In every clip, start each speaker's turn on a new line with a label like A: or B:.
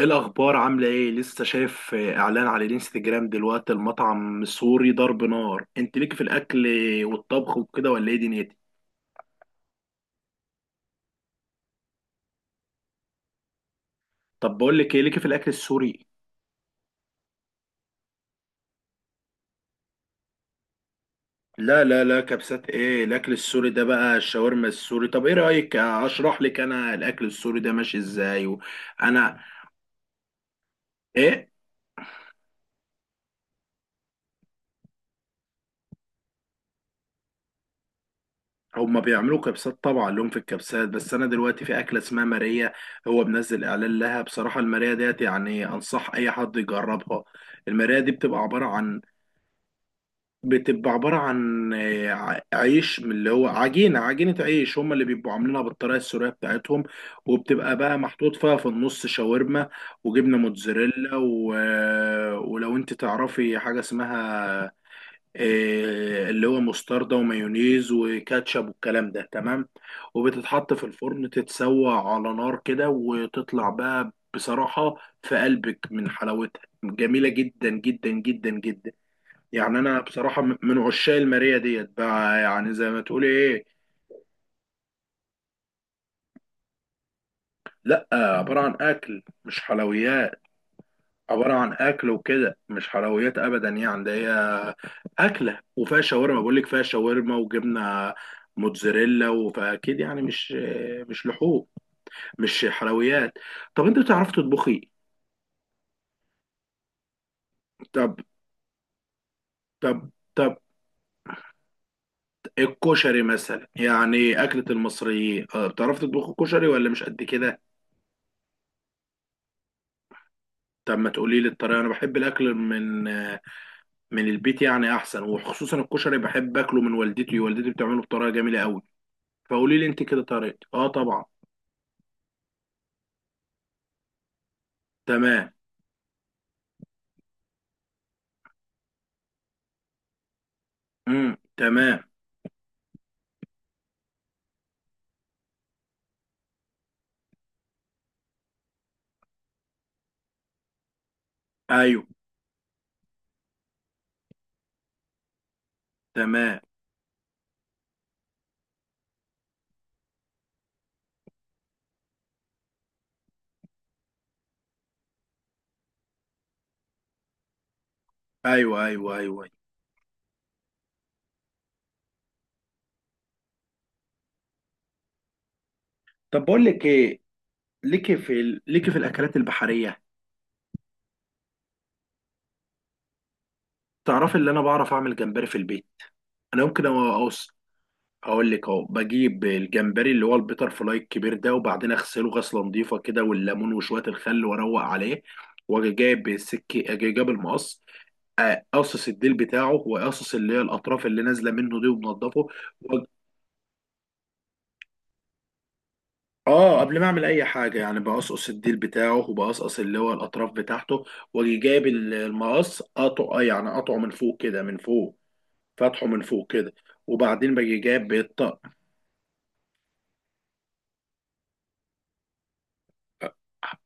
A: إيه الأخبار؟ عاملة إيه؟ لسه شايف إعلان على الإنستجرام دلوقتي. المطعم السوري ضرب نار، أنت ليك في الأكل والطبخ وكده ولا إيه دنيتي؟ طب بقول لك إيه، ليك في الأكل السوري؟ لا لا لا، كبسات إيه؟ الأكل السوري ده بقى الشاورما السوري. طب إيه رأيك أشرح لك أنا الأكل السوري ده ماشي إزاي؟ أنا. إيه؟ هما بيعملوا كبسات، طبعا لهم في الكبسات، بس انا دلوقتي في اكله اسمها ماريا. هو منزل اعلان لها. بصراحه الماريا ديت يعني انصح اي حد يجربها. المراية دي بتبقى عبارة عن، بتبقى عبارة عن عيش من اللي هو عجينة، عجينة عيش هم اللي بيبقوا عاملينها بالطريقة السورية بتاعتهم. وبتبقى بقى محطوط فيها في النص شاورما، وجبنة موتزاريلا و... آه، ولو انت تعرفي حاجة اسمها، اللي هو مستردة ومايونيز وكاتشب والكلام ده، تمام. وبتتحط في الفرن تتسوى على نار كده وتطلع بقى بصراحة في قلبك من حلاوتها، جميلة جدا جدا جدا جدا. يعني انا بصراحه من عشاق الماريه ديت بقى، يعني زي ما تقولي ايه. لا، عباره عن اكل مش حلويات. عباره عن اكل وكده، مش حلويات ابدا. يعني ده هي اكله وفيها شاورما، بقول لك فيها شاورما وجبنه موتزاريلا، فاكيد يعني مش، مش لحوم، مش حلويات. طب انت بتعرف تطبخي؟ طب طب طب. الكشري مثلا، يعني أكلة المصريين. بتعرف تطبخ الكشري ولا مش قد كده؟ طب ما تقولي لي الطريقة، أنا بحب الأكل من، من البيت يعني احسن. وخصوصا الكشري بحب اكله من والدتي، والدتي بتعمله بطريقه جميله قوي. فقولي لي انت كده طريقتي. اه طبعا. تمام. امم، تمام. ايوه تمام. ايوه ايوه ايوه أيوة. طب بقول لك ايه، ليكي في الاكلات البحريه؟ تعرفي اللي انا بعرف اعمل جمبري في البيت. انا ممكن اوص، اقول لك اهو. بجيب الجمبري اللي هو البيتر فلاي الكبير ده، وبعدين اغسله غسله نظيفه كده والليمون وشويه الخل واروق عليه. واجي جايب السكه اجي جايب المقص، قصص الديل بتاعه، وقصص اللي هي الاطراف اللي نازله منه دي ومنضفه. و... اه قبل ما اعمل اي حاجه يعني بقصقص الديل بتاعه، وبقصقص اللي هو الاطراف بتاعته. واجي جايب المقص، قطعه، يعني قطعه من فوق كده، من فوق، فتحه من فوق كده. وبعدين باجي جايب بالطق. اه.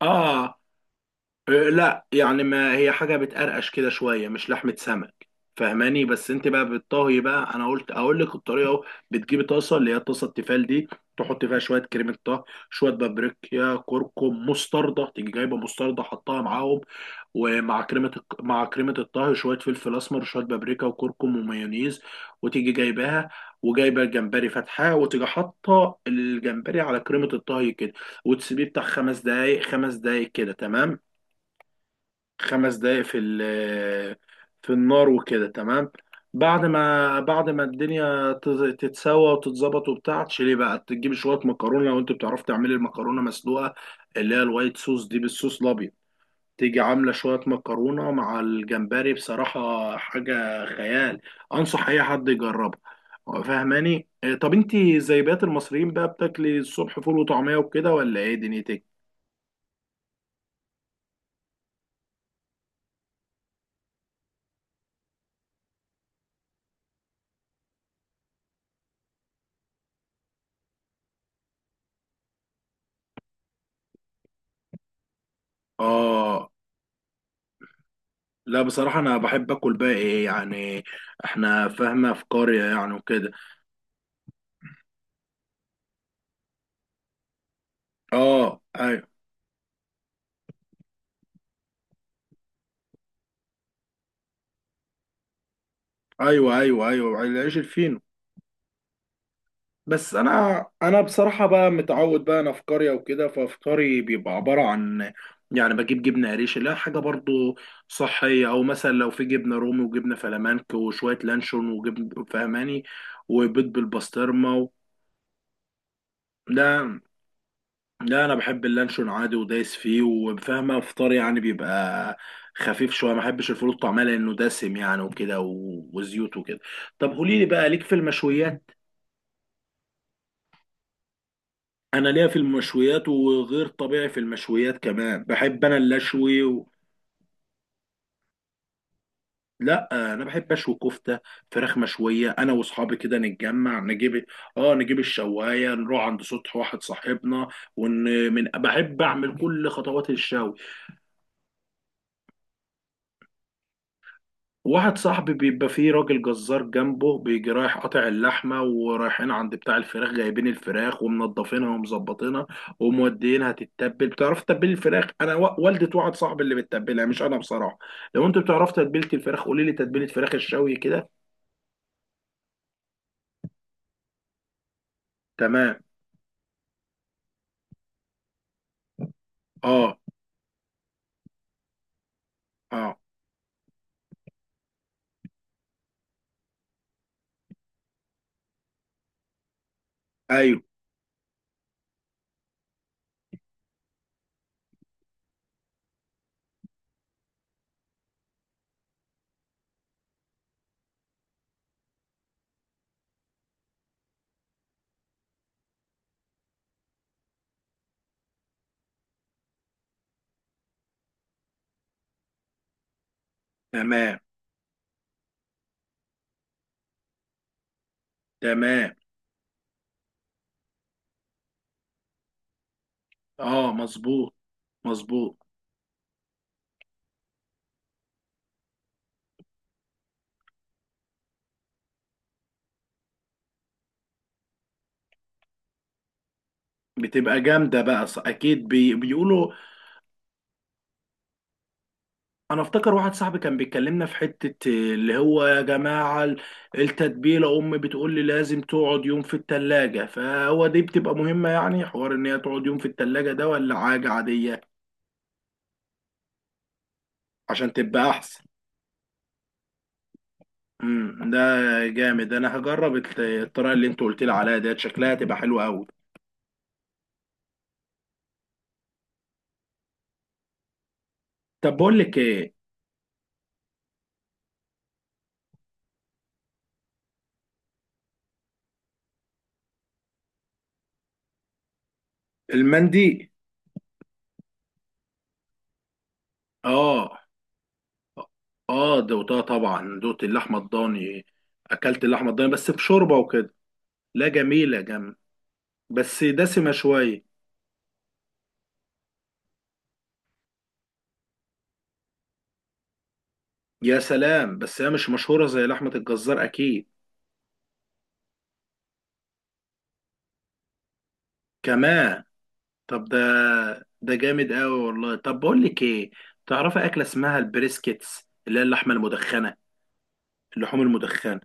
A: لا يعني ما هي حاجة بتقرقش كده شوية، مش لحمة سمك. فاهماني؟ بس انت بقى بالطهي بقى، انا قلت اقول لك الطريقة اهو. بتجيبي طاسة، اللي هي الطاسة التيفال دي، تحط فيها شوية كريمة طهي، شوية بابريكا، كركم، مستردة. تيجي جايبة مستردة حطها معاهم. ومع كريمة مع كريمة الطهي شوية فلفل اسمر، شوية بابريكا وكركم ومايونيز. وتيجي جايباها وجايبه الجمبري فاتحاه، وتيجي حاطه الجمبري على كريمه الطهي كده. وتسيبيه بتاع خمس دقايق، خمس دقايق كده تمام. خمس دقايق في النار وكده تمام. بعد ما الدنيا تتسوى وتتظبط وبتاع، تشيلي بقى، تجيب شويه مكرونه لو انت بتعرف تعملي المكرونه مسلوقه، اللي هي الوايت صوص دي، بالصوص الابيض. تيجي عامله شويه مكرونه مع الجمبري، بصراحه حاجه خيال، انصح اي حد يجربها. فاهماني؟ إيه، طب انت زي بقية المصريين بقى بتاكلي الصبح فول وطعميه وكده ولا ايه دنيتك؟ اه. لا بصراحة أنا بحب آكل بقى إيه يعني، إحنا فاهمة في قرية يعني وكده. آه أيوه. أيوه أيوه أيوه، العيش الفينو. بس أنا، أنا بصراحة بقى متعود بقى، أنا في قرية وكده، ففطاري بيبقى عبارة عن، يعني بجيب جبنة قريش اللي هي حاجة برضو صحية، أو مثلا لو في جبنة رومي وجبنة فلامنك وشوية لانشون وجبن، فهماني؟ وبيض بالبسطرمة و... لا، لا انا بحب اللانشون عادي ودايس فيه. وفاهمه فطار يعني بيبقى خفيف شويه، ما بحبش الفول الطعميه لانه دسم يعني وكده وزيوت وكده. طب قولي لي بقى، ليك في المشويات؟ انا ليا في المشويات وغير طبيعي، في المشويات كمان بحب انا اللشوي و... لا انا بحب اشوي كفته، فراخ مشويه، انا واصحابي كده نتجمع نجيب، اه نجيب الشوايه نروح عند سطح واحد صاحبنا، ون... من بحب اعمل كل خطوات الشوي. واحد صاحبي بيبقى فيه راجل جزار جنبه، بيجي رايح قاطع اللحمة، ورايحين عند بتاع الفراخ جايبين الفراخ ومنضفينها ومظبطينها وموديينها تتبل. بتعرف تتبل الفراخ؟ انا والدة واحد صاحبي اللي بتتبلها مش انا بصراحة. لو انت بتعرف تتبيلة الفراخ قولي لي، تتبيلة فراخ الشوي كده. تمام. اه. اه. ايوه تمام. تمام. اه مظبوط، مظبوط. بتبقى جامدة بقى أكيد بي... بيقولوا. انا افتكر واحد صاحبي كان بيكلمنا في حتة اللي هو يا جماعة التتبيلة، امي بتقول لي لازم تقعد يوم في التلاجة، فهو دي بتبقى مهمة يعني، حوار ان هي تقعد يوم في التلاجة ده ولا حاجة عادية؟ عشان تبقى احسن. امم، ده جامد، انا هجرب الطريقة اللي انت قلت لي عليها ديت، شكلها هتبقى حلوة قوي. طب بقول لك ايه. المندي. اه. اه دوتها طبعا، دوت اللحمة الضاني، اكلت اللحمة الضاني بس بشوربة وكده. لا جميلة جم، بس دسمة شوية. يا سلام، بس هي مش مشهورة زي لحمة الجزار أكيد. كمان؟ طب ده، ده جامد أوي والله. طب بقول لك إيه، تعرفي أكلة اسمها البريسكيتس؟ اللي هي اللحمة المدخنة، اللحوم المدخنة.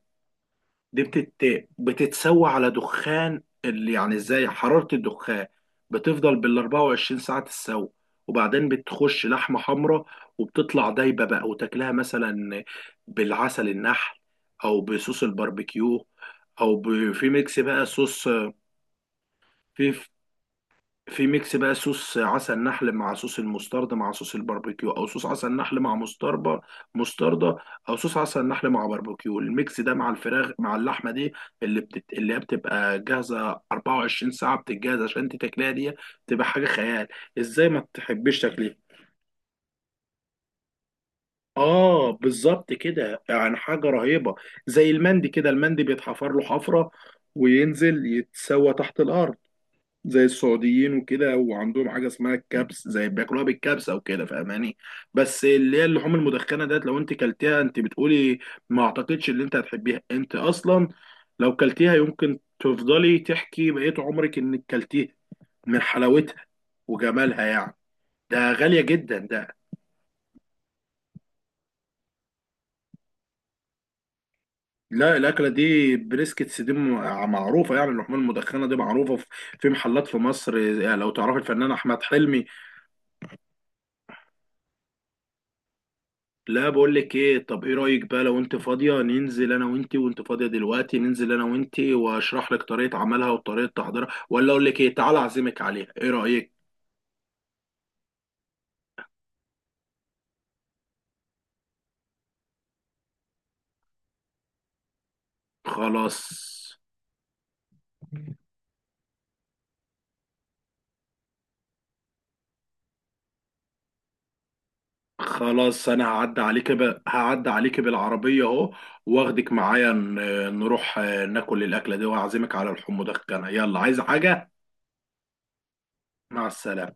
A: دي بتت... بتتسوى على دخان، اللي يعني ازاي حرارة الدخان بتفضل بال 24 ساعة تتسوى، وبعدين بتخش لحمة حمراء وبتطلع دايبة بقى. وتاكلها مثلا بالعسل النحل، او بصوص الباربيكيو، او ب... في ميكس بقى صوص. في في ميكس بقى صوص عسل نحل مع صوص المستردة مع صوص الباربيكيو، او صوص عسل نحل مع مستربة، مستردة، او صوص عسل نحل مع باربيكيو. الميكس ده مع الفراخ مع اللحمة دي، اللي بتت... اللي هي بتبقى جاهزة 24 ساعة بتتجهز عشان انت تاكلها دي، تبقى حاجة خيال. ازاي ما تحبش تاكليها؟ اه بالظبط كده، يعني حاجة رهيبة. زي المندي كده، المندي بيتحفر له حفرة وينزل يتسوى تحت الارض، زي السعوديين وكده. وعندهم حاجه اسمها الكبس، زي بياكلوها بالكبسه وكده، فاهماني؟ بس اللي هي اللحوم المدخنه ديت لو انت كلتيها انت بتقولي، ما اعتقدش ان انت هتحبيها انت اصلا، لو كلتيها يمكن تفضلي تحكي بقيت عمرك انك كلتيها من حلاوتها وجمالها يعني، ده غاليه جدا ده. لا الاكله دي بريسكتس دي معروفه يعني، اللحوم المدخنه دي معروفه في، في محلات في مصر يعني. لو تعرفي الفنان احمد حلمي. لا بقول لك ايه، طب ايه رايك بقى لو انت فاضيه، ننزل انا وانت، وانت فاضيه دلوقتي ننزل انا وانت واشرح لك طريقه عملها وطريقه تحضيرها، ولا اقول لك ايه تعالى اعزمك عليها؟ ايه رايك؟ خلاص. خلاص انا هعدي عليك ب... هعدي عليك بالعربيه اهو، واخدك معايا نروح ناكل الاكله دي، واعزمك على الحمض الكنا. يلا، عايز حاجه؟ مع السلامه.